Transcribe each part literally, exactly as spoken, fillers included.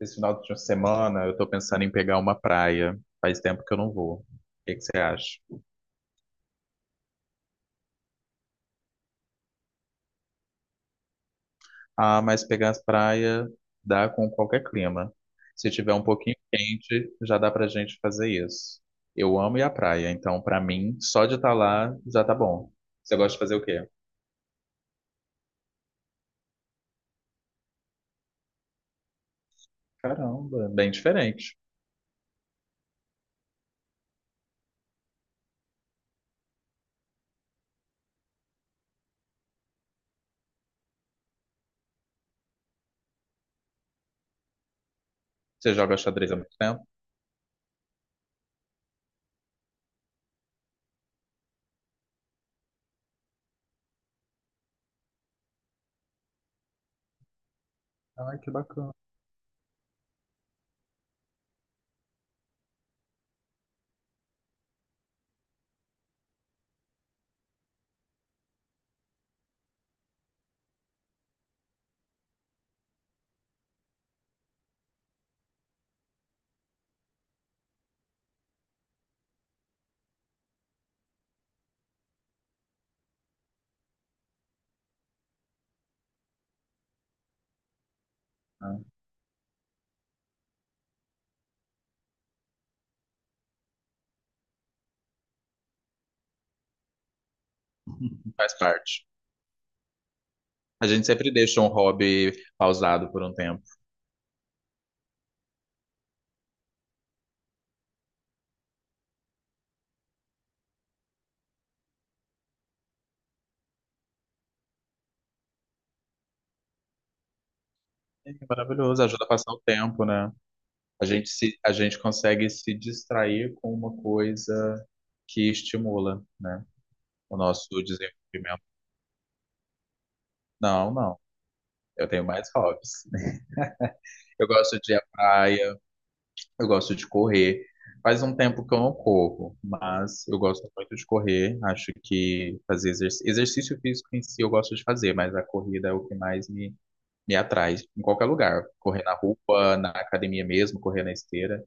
Esse final de semana eu tô pensando em pegar uma praia. Faz tempo que eu não vou. O que que você acha? Ah, mas pegar as praias dá com qualquer clima. Se tiver um pouquinho quente, já dá pra gente fazer isso. Eu amo ir à praia, então pra mim, só de estar lá já tá bom. Você gosta de fazer o quê? Caramba, bem diferente. Você joga xadrez há muito tempo? Ai, que bacana. Faz parte. A gente sempre deixa um hobby pausado por um tempo. É maravilhoso, ajuda a passar o tempo, né? A gente se, a gente consegue se distrair com uma coisa que estimula, né, o nosso desenvolvimento. Não, não. Eu tenho mais hobbies. Eu gosto de ir à praia, eu gosto de correr. Faz um tempo que eu não corro, mas eu gosto muito de correr. Acho que fazer exercício, exercício físico em si eu gosto de fazer, mas a corrida é o que mais me, me atrai. Em qualquer lugar. Correr na rua, na academia mesmo, correr na esteira.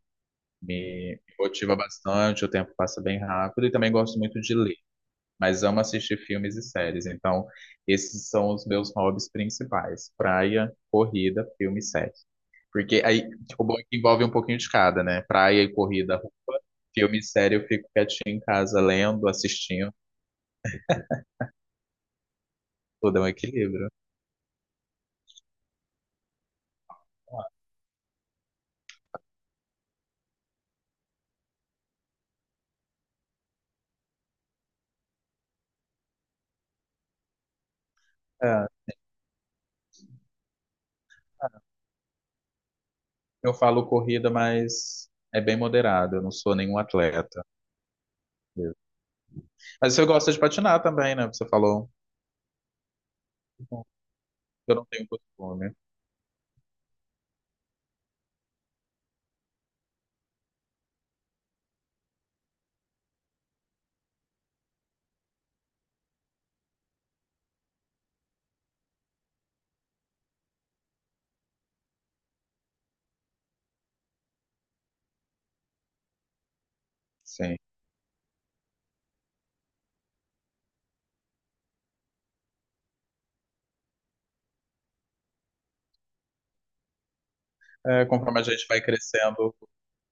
Me motiva bastante, o tempo passa bem rápido e também gosto muito de ler, mas amo assistir filmes e séries. Então, esses são os meus hobbies principais: praia, corrida, filme e série. Porque aí, tipo, o bom é que envolve um pouquinho de cada, né? Praia e corrida, roupa, filme e série, eu fico quietinho em casa lendo, assistindo, tudo é um equilíbrio. É, eu falo corrida, mas é bem moderado, eu não sou nenhum atleta mesmo. Mas você gosta de patinar também, né? Você falou, eu não tenho costume. Sim. É, conforme a gente vai crescendo,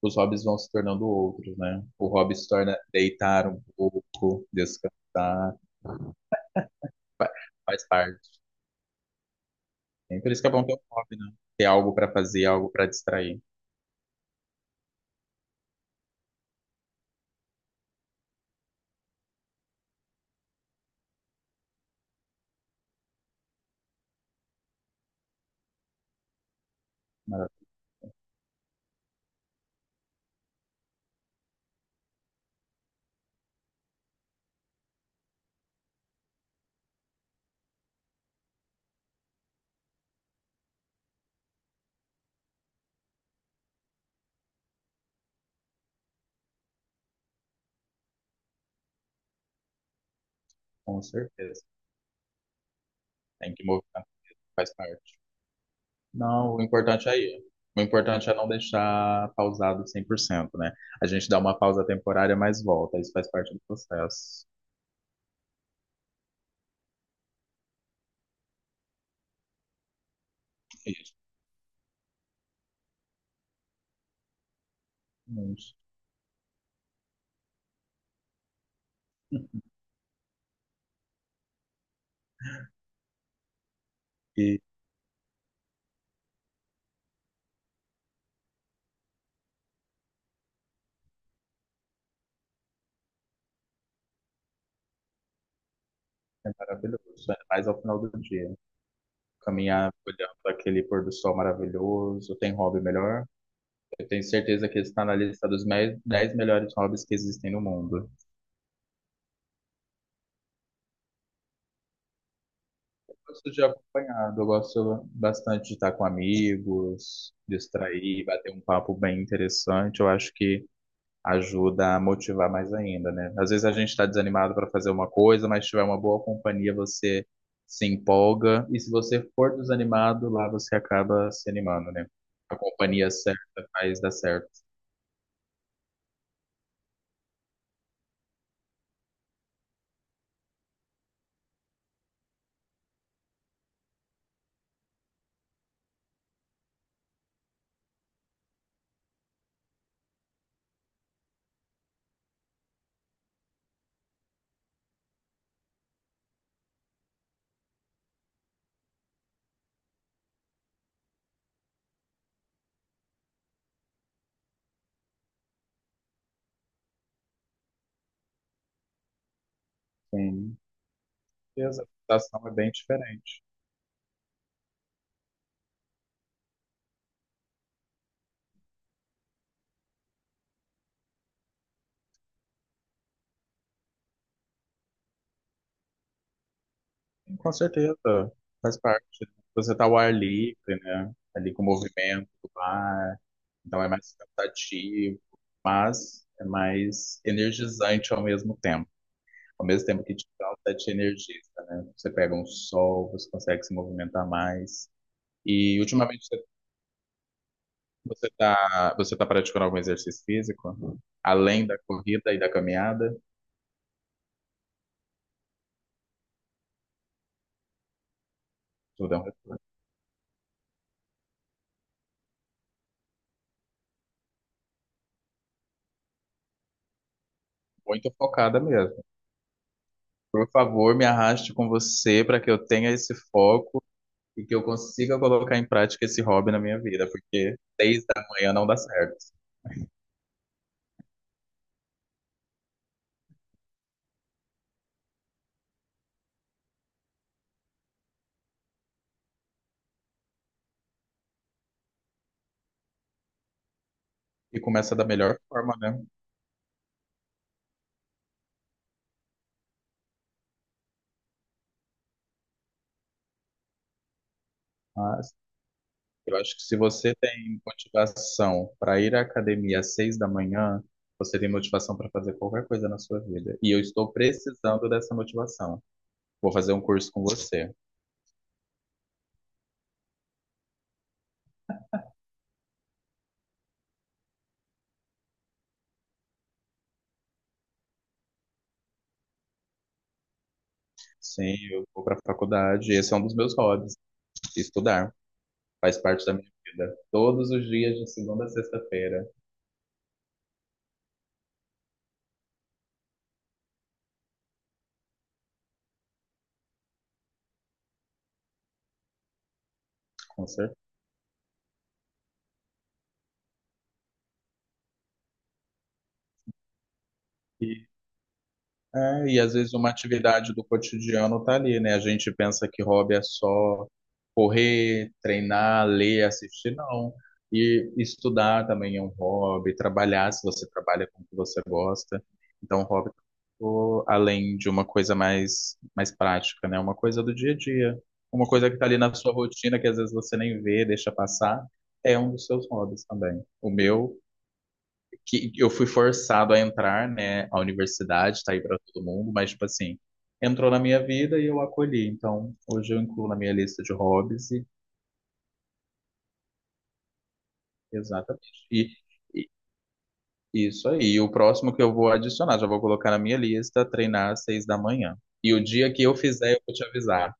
os hobbies vão se tornando outros, né? O hobby se torna deitar um pouco, descansar, faz parte. É por isso que é bom ter um hobby, né? Ter algo para fazer, algo para distrair. Mas, com certeza. Tem que movimentar, faz parte. Não, o importante é ir. O importante é não deixar pausado cem por cento, né? A gente dá uma pausa temporária, mas volta. Isso faz parte do processo. Isso. E é maravilhoso, ainda mais ao final do dia. Caminhar olhando aquele pôr do sol maravilhoso. Tem hobby melhor? Eu tenho certeza que ele está na lista dos me- dez melhores hobbies que existem no mundo. Eu gosto de acompanhado, eu gosto bastante de estar com amigos, distrair, bater um papo bem interessante. Eu acho que ajuda a motivar mais ainda, né? Às vezes a gente está desanimado para fazer uma coisa, mas se tiver uma boa companhia, você se empolga. E se você for desanimado, lá você acaba se animando, né? A companhia certa faz dar certo. Sim. E a adaptação é bem diferente. E, Com certeza, faz parte. Você tá ao ar livre, né? Ali com o movimento do mar, então é mais cansativo, mas é mais energizante ao mesmo tempo. Ao mesmo tempo que te dá, até te energiza, né? Você pega um sol, você consegue se movimentar mais. E ultimamente você você tá, você tá praticando algum exercício físico? Além da corrida e da caminhada? Tudo é um- Muito focada mesmo. Por favor, me arraste com você para que eu tenha esse foco e que eu consiga colocar em prática esse hobby na minha vida, porque seis da manhã não dá certo. E começa da melhor forma, né? Mas eu acho que se você tem motivação para ir à academia às seis da manhã, você tem motivação para fazer qualquer coisa na sua vida. E eu estou precisando dessa motivação. Vou fazer um curso com você. Sim, eu vou para a faculdade. Esse é um dos meus hobbies, estudar. Faz parte da minha vida. Todos os dias de segunda a sexta-feira. Com certeza. E, é, e às vezes uma atividade do cotidiano tá ali, né? A gente pensa que hobby é só correr, treinar, ler, assistir, não. E estudar também é um hobby, trabalhar, se você trabalha com o que você gosta. Então, hobby, o- além de uma coisa mais, mais prática, né? Uma coisa do dia a dia. Uma coisa que tá ali na sua rotina, que às vezes você nem vê, deixa passar, é um dos seus hobbies também. O meu que eu fui forçado a entrar, né? A universidade tá aí para todo mundo, mas tipo assim, entrou na minha vida e eu acolhi. Então, hoje eu incluo na minha lista de hobbies e exatamente. E, e- isso aí. E o próximo que eu vou adicionar, já vou colocar na minha lista, treinar às seis da manhã. E o dia que eu fizer, eu vou te avisar.